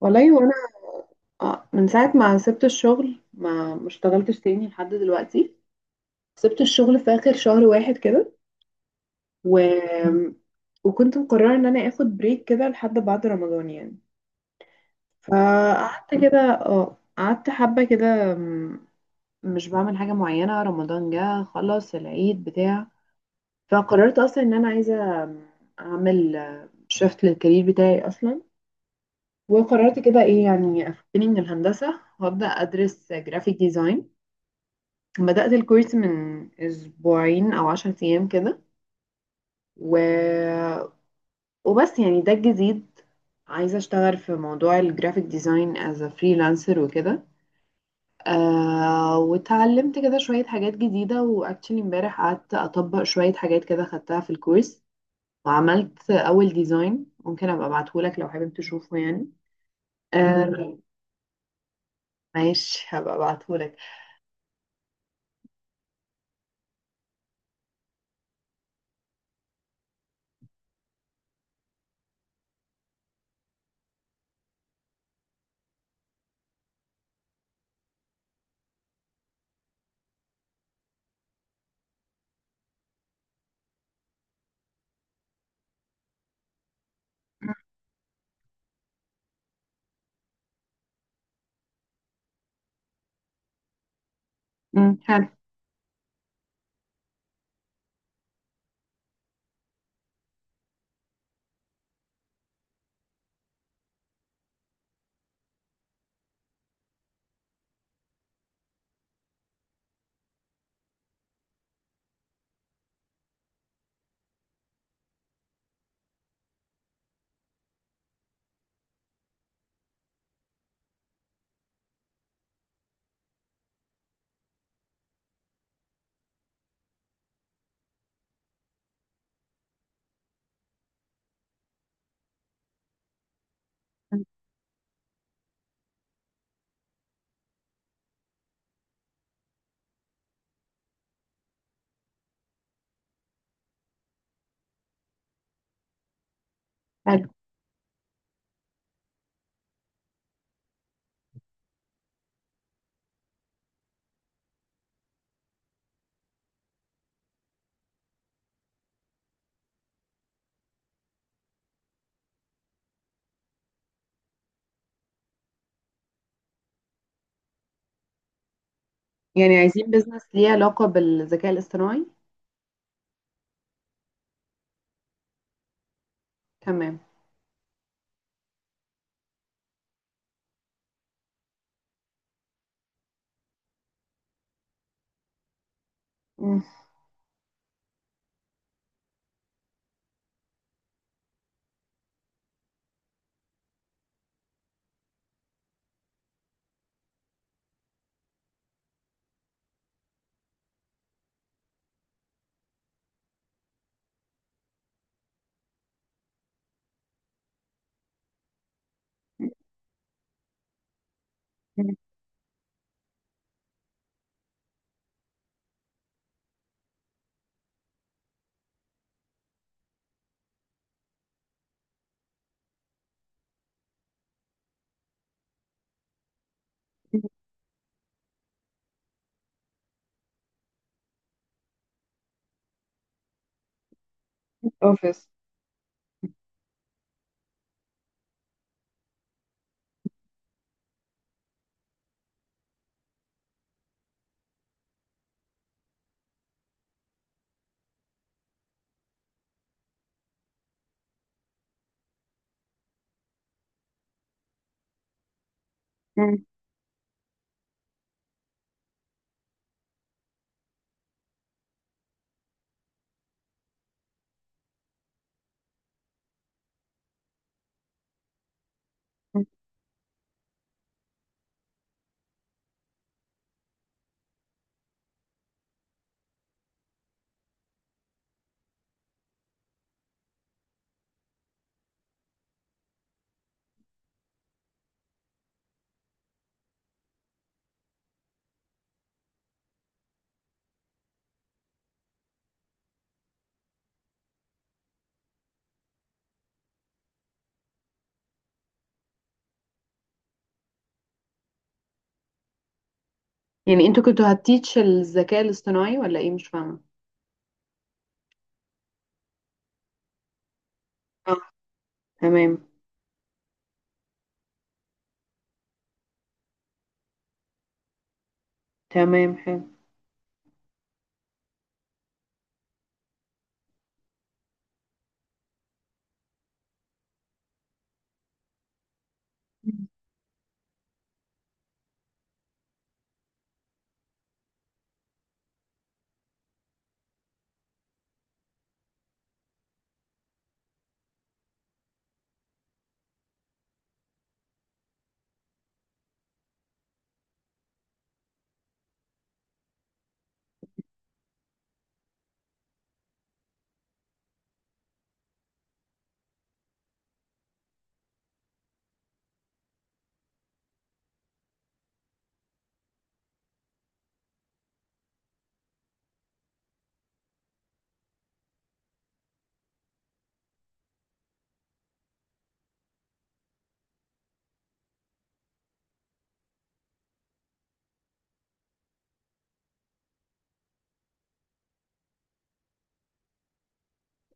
والله وانا من ساعه ما سبت الشغل ما اشتغلتش تاني لحد دلوقتي. سبت الشغل في اخر شهر واحد كده. و... وكنت مقرره ان انا اخد بريك كده لحد بعد رمضان يعني. فقعدت كده. اه قعدت حبه كده. مش بعمل حاجه معينه. رمضان جه خلص العيد بتاع. فقررت اصلا ان انا عايزه، آه، اعمل، شفت للكارير بتاعي اصلا وقررت كده ايه يعني افكني من الهندسه وابدا ادرس جرافيك ديزاين. بدأت الكورس من أسبوعين أو 10 أيام كده. و... وبس يعني ده الجديد. عايزة أشتغل في موضوع الجرافيك ديزاين as a freelancer وكده. آه، واتعلمت كده شوية حاجات جديدة وأكتشلي امبارح قعدت أطبق شوية حاجات كده خدتها في الكورس وعملت أول ديزاين. ممكن أبقى أبعتهولك لو حابب تشوفه يعني. آه. ماشي، هبقى أبعتهولك. حلو حلو. يعني عايزين بيزنس ليه علاقة بالذكاء الاصطناعي؟ تمام. مم. مم. اوفيس. مم. مم. يعني انتوا كنتوا هتتيتش الذكاء الاصطناعي ولا ايه؟ مش فاهمة. اه، تمام. تمام، حلو. مم.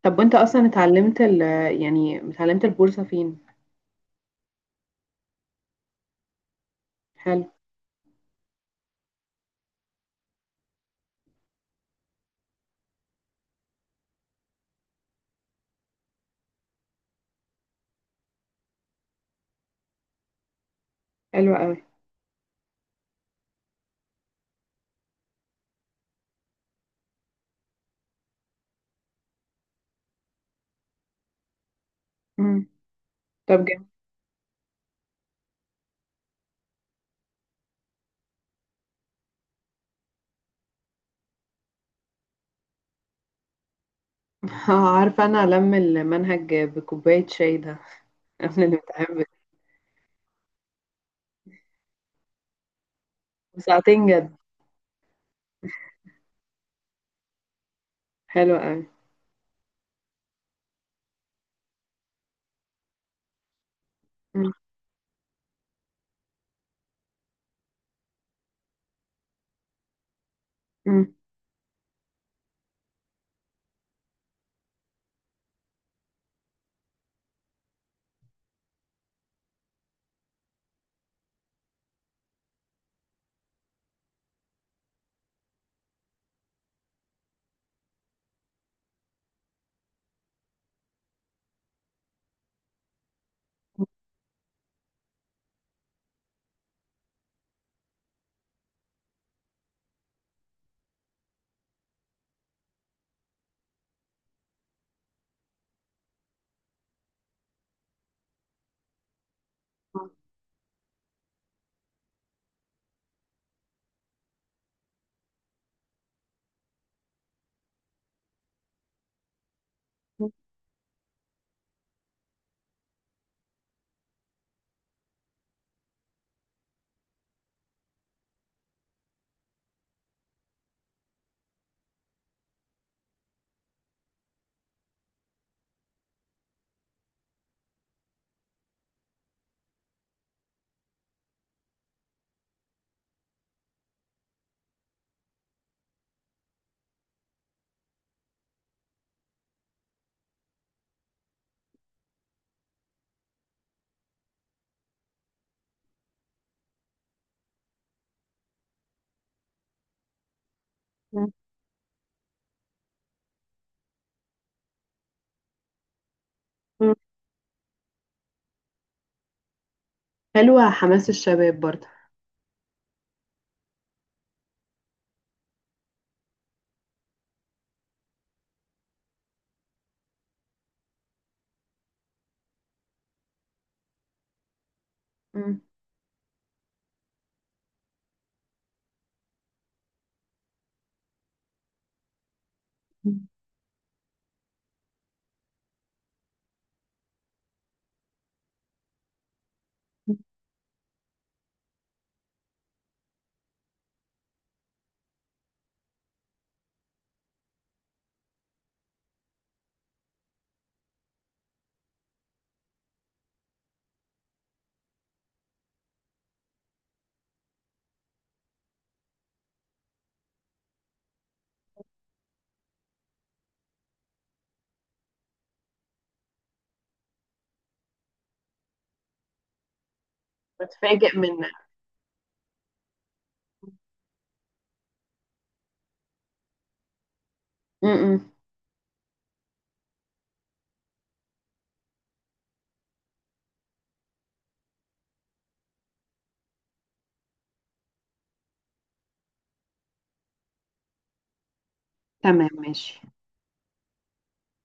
طب وانت اصلا اتعلمت ال يعني اتعلمت البورصة فين؟ حلو. حلو قوي. مم. طب جميل. عارفة انا الم المنهج بكوباية شاي ده. قبل الامتحان بساعتين جد. حلو قوي. مم. مم. مم. مم. حلوة، حماس الشباب برضه. مم. مم. بتفاجئ من. م- م. تمام ماشي.